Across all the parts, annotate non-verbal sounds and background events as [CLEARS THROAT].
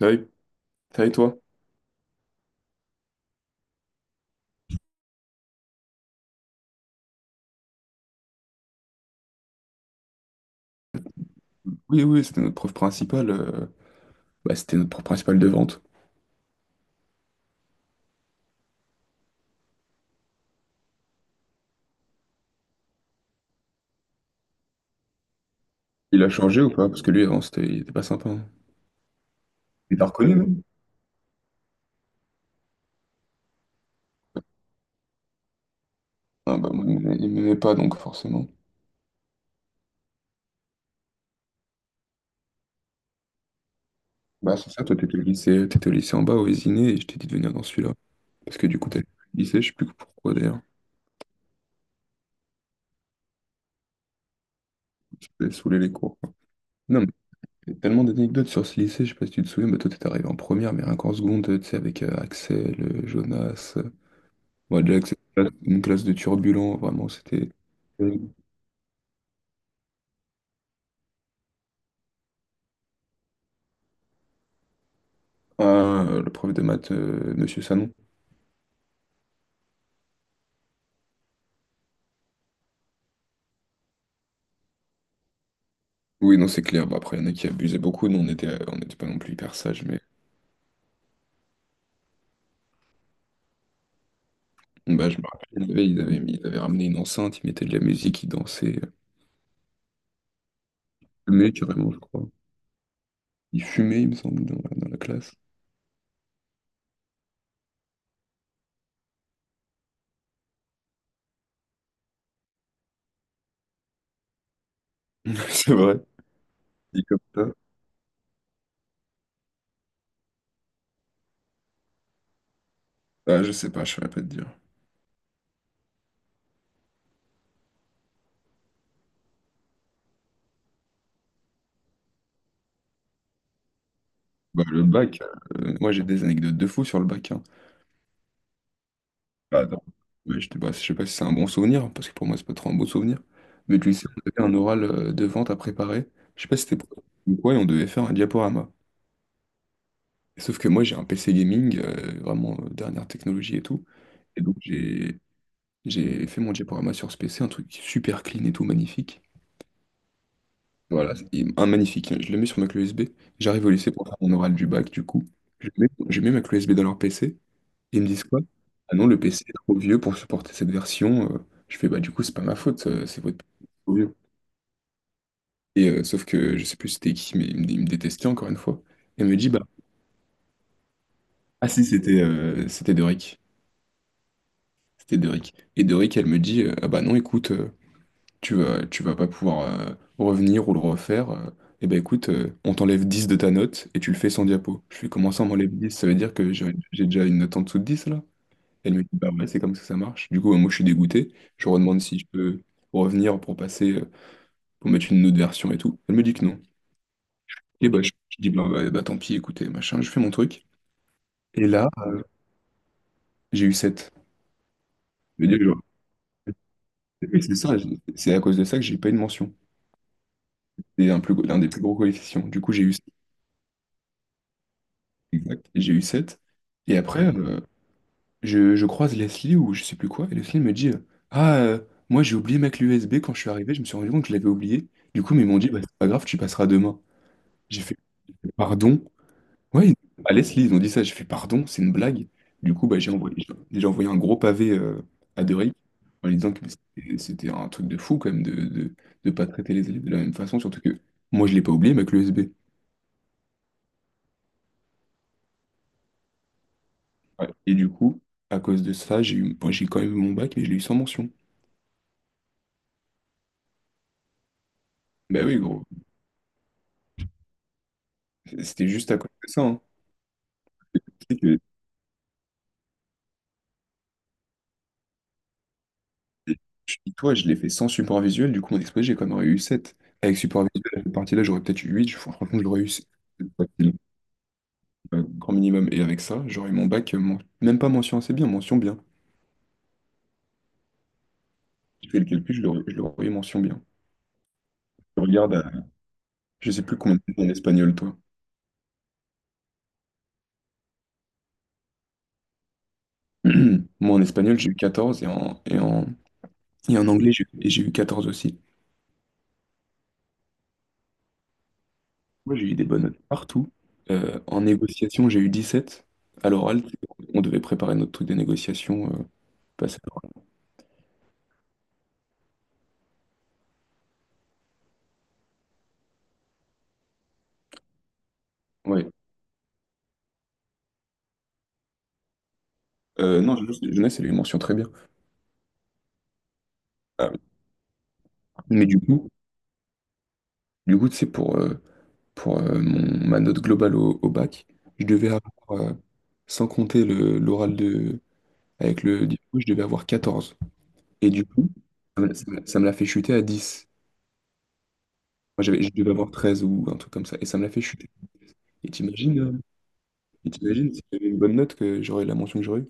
Ah oui, ça et toi? Oui, oui, c'était notre prof principal. C'était notre prof principal de vente. Il a changé ou pas? Parce que lui, avant, c'était, il était pas sympa, hein. Il t'a reconnu, non? Ah bah moi, il m'aimait pas, donc forcément. Bah c'est ça, toi, t'étais au lycée en bas, au Vésinet, et je t'ai dit de venir dans celui-là. Parce que du coup, t'allais au lycée, je sais plus pourquoi d'ailleurs. T'avais saoulé les cours, quoi. Non, mais il y a tellement d'anecdotes sur ce lycée, je sais pas si tu te souviens, mais toi, t'étais arrivé en première, mais rien qu'en seconde, tu sais, avec Axel, Jonas. Moi, déjà, Axel, une classe de turbulents, vraiment, c'était. euh, Ah, le prof de maths, Monsieur Sanon. Oui, non, c'est clair. Bah après, il y en a qui abusaient beaucoup. Nous, on était, on n'était pas non plus hyper sages, mais bah, je me rappelle, ils avaient ramené une enceinte, ils mettaient de la musique, ils dansaient. Ils fumaient carrément, je crois. Ils fumaient, il me semble, dans la classe. [LAUGHS] C'est vrai. Dit comme ça. Ah, je sais pas, je saurais pas te dire. Bah le bac, moi j'ai des anecdotes de fou sur le bac, hein. Ah non. Ouais, je sais pas si c'est un bon souvenir, hein, parce que pour moi, c'est pas trop un beau souvenir. Mais du lycée, on avait un oral de vente à préparer. Je sais pas si c'était pour ou quoi, et on devait faire un diaporama. Sauf que moi, j'ai un PC gaming, vraiment dernière technologie et tout. Et donc, j'ai fait mon diaporama sur ce PC, un truc super clean et tout, magnifique. Voilà, et un magnifique, hein. Je le mets sur ma clé USB. J'arrive au lycée pour faire mon oral du bac, du coup. Je mets ma clé USB dans leur PC. Ils me disent quoi? Ah non, le PC est trop vieux pour supporter cette version. Je fais, bah du coup, c'est pas ma faute, c'est votre PC qui est trop vieux. Et sauf que je sais plus c'était qui, mais il me détestait encore une fois. Elle me dit, bah, ah si, c'était c'était Doric. C'était Doric. Et Doric, elle me dit, ah bah non, écoute, tu vas pas pouvoir revenir ou le refaire. Eh bah écoute, on t'enlève 10 de ta note et tu le fais sans diapo. Je fais, comment ça, on m'enlève 10? Ça veut dire que j'ai déjà une note en dessous de 10 là? Elle me dit, bah ouais, c'est comme ça que ça marche. Du coup, ouais, moi, je suis dégoûté. Je lui redemande si je peux revenir pour passer, pour mettre une autre version et tout. Elle me dit que non. Et bah, je dis, bah, bah, bah, tant pis, écoutez, machin, je fais mon truc. Et là, j'ai eu sept. Je veux dire, genre, oui, c'est ça, c'est à cause de ça que j'ai pas eu de mention. C'est des plus gros coefficients. Du coup, j'ai eu 7. Exact. J'ai eu sept. Et après, je croise Leslie ou je sais plus quoi. Et Leslie me dit, ah, euh, moi, j'ai oublié ma clé USB quand je suis arrivé. Je me suis rendu compte que je l'avais oubliée. Du coup, mais ils m'ont dit, bah, c'est pas grave, tu passeras demain. J'ai fait pardon? Ouais, à Leslie, ils ont dit ça. J'ai fait pardon, c'est une blague. Du coup, bah, j'ai envoyé un gros pavé à Doric en lui disant que c'était un truc de fou quand même de pas traiter les élèves de la même façon, surtout que moi, je l'ai pas oublié, mais que le SB. Ouais. Et du coup, à cause de ça, j'ai eu, bon, j'ai quand même eu mon bac, mais je l'ai eu sans mention. Bah oui, gros, c'était juste à cause de ça, hein. Et et je dis, toi, je l'ai fait sans support visuel, du coup, mon exposé, j'ai quand même eu 7. Avec support visuel, à cette partie-là, j'aurais peut-être eu 8. Franchement, j'aurais eu 7, grand minimum. Et avec ça, j'aurais mon bac, même pas mention assez bien, mention bien. Je fais le calcul, je l'aurais mention bien. Je regarde, à- je sais plus combien de en espagnol, toi. [CLEARS THROAT] Moi, en espagnol, j'ai eu 14 et en anglais, j'ai eu 14 aussi. Moi, j'ai eu des bonnes notes partout. En négociation, j'ai eu 17 À l'oral, on devait préparer notre truc de négociation, passer à l'oral, ouais. Non, jeunesse, elle a eu mention très bien. Ah, mais du coup, c'est pour, mon, ma note globale au, au bac. Je devais avoir, sans compter le, l'oral de, avec le diplôme, je devais avoir 14. Et du coup, ça me l'a fait chuter à dix. Moi, j'avais, je devais avoir 13 ou un truc comme ça. Et ça me l'a fait chuter. Et t'imagines, t'imagines si j'avais une bonne note que j'aurais la mention que j'aurais eue?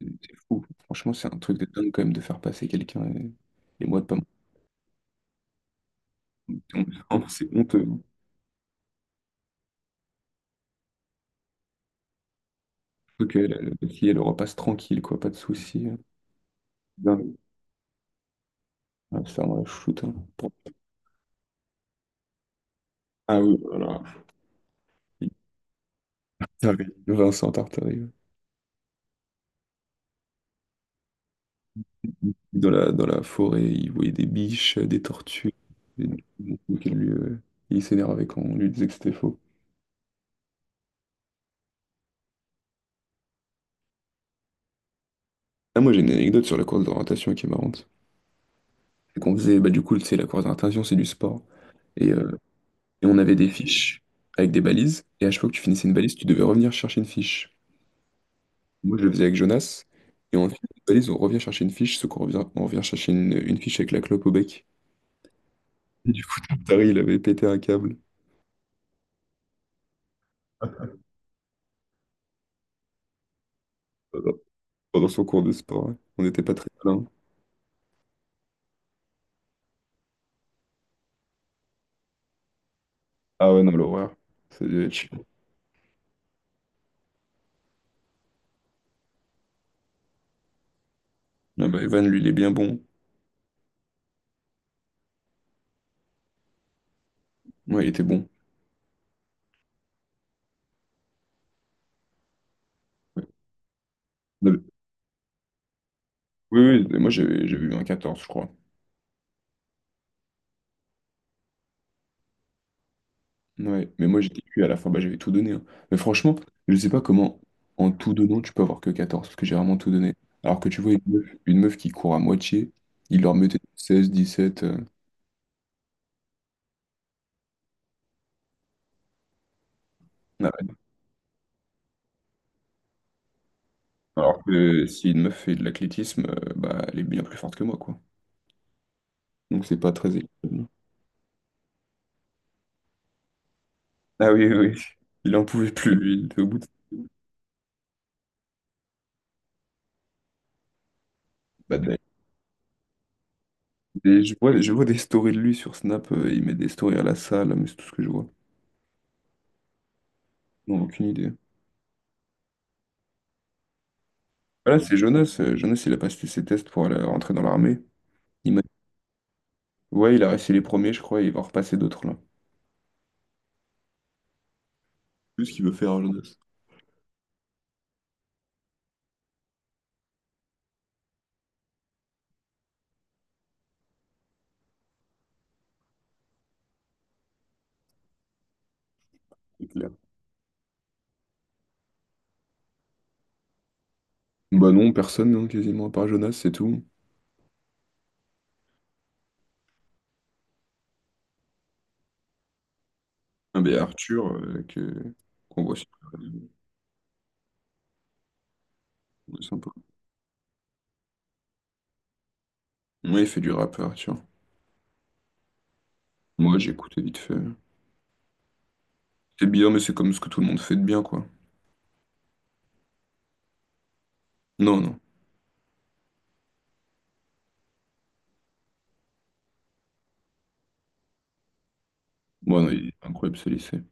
C'est fou. Franchement, c'est un truc de dingue quand même de faire passer quelqu'un et moi de pas me- [LAUGHS] Vraiment, c'est honteux. Faut que la fille, elle repasse tranquille, quoi, pas de soucis. Dingue. Ah, ça, on la shoot, hein. Pour- Ah oui, voilà. Ah oui, Vincent Tartari, ouais. Dans la forêt, il voyait des biches, des tortues. Et du coup, il s'énervait quand on lui disait que c'était faux. Ah, moi, j'ai une anecdote sur la course d'orientation qui est marrante. C'est qu'on faisait, bah du coup, tu sais, la course d'orientation, c'est du sport. Et, on avait des fiches avec des balises. Et à chaque fois que tu finissais une balise, tu devais revenir chercher une fiche. Moi, je le faisais avec Jonas. Et on finit une balise, on revient chercher une fiche, ce qu'on revient, on revient chercher une fiche avec la clope au bec. Et du coup, Tartari, il avait pété un câble. Pendant son cours de sport, ouais. On n'était pas très malin. Ah ouais, non, l'horreur. Ça devait être chiant. Ah bah, Evan, lui, il est bien bon. Ouais, il était bon. Ouais. On avait- Oui, oui, mais moi j'avais eu un 14 je crois. Ouais, mais moi j'étais cuit à la fin, bah j'avais tout donné, hein. Mais franchement, je sais pas comment, en tout donnant, tu peux avoir que 14 parce que j'ai vraiment tout donné. Alors que tu vois une meuf qui court à moitié, il leur mettait 16, 17. Ah ouais. Alors que si une meuf fait de l'athlétisme, bah elle est bien plus forte que moi, quoi. Donc c'est pas très équitable. Ah oui, oui, oui. Il en pouvait plus, lui, il était au bout. Bah, je vois des stories de lui sur Snap, il met des stories à la salle, mais c'est tout ce que je vois. Non, aucune idée. Voilà, c'est Jonas. Euh, Jonas, il a passé ses tests pour aller rentrer dans l'armée. Il m'a- Ouais, il a réussi les premiers, je crois, et il va repasser d'autres là. Tout ce qu'il veut faire, Jonas. C'est clair. Bah non, personne, hein, quasiment, à part Jonas, c'est tout. Ah bah, Arthur, que... qu'on voit sur... Ouais, sympa. Ouais, il fait du rap, Arthur. Moi, j'écoutais vite fait. C'est bien, mais c'est comme ce que tout le monde fait de bien, quoi. Non, non. Bon, non, il est incroyable, ce lycée.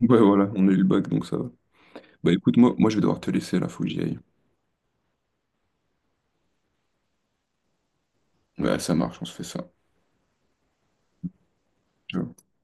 Ouais, voilà, on a eu le bac, donc ça va. Bah écoute, moi je vais devoir te laisser là, faut que j'y aille. Ouais, ça marche, on se fait ça. Ciao.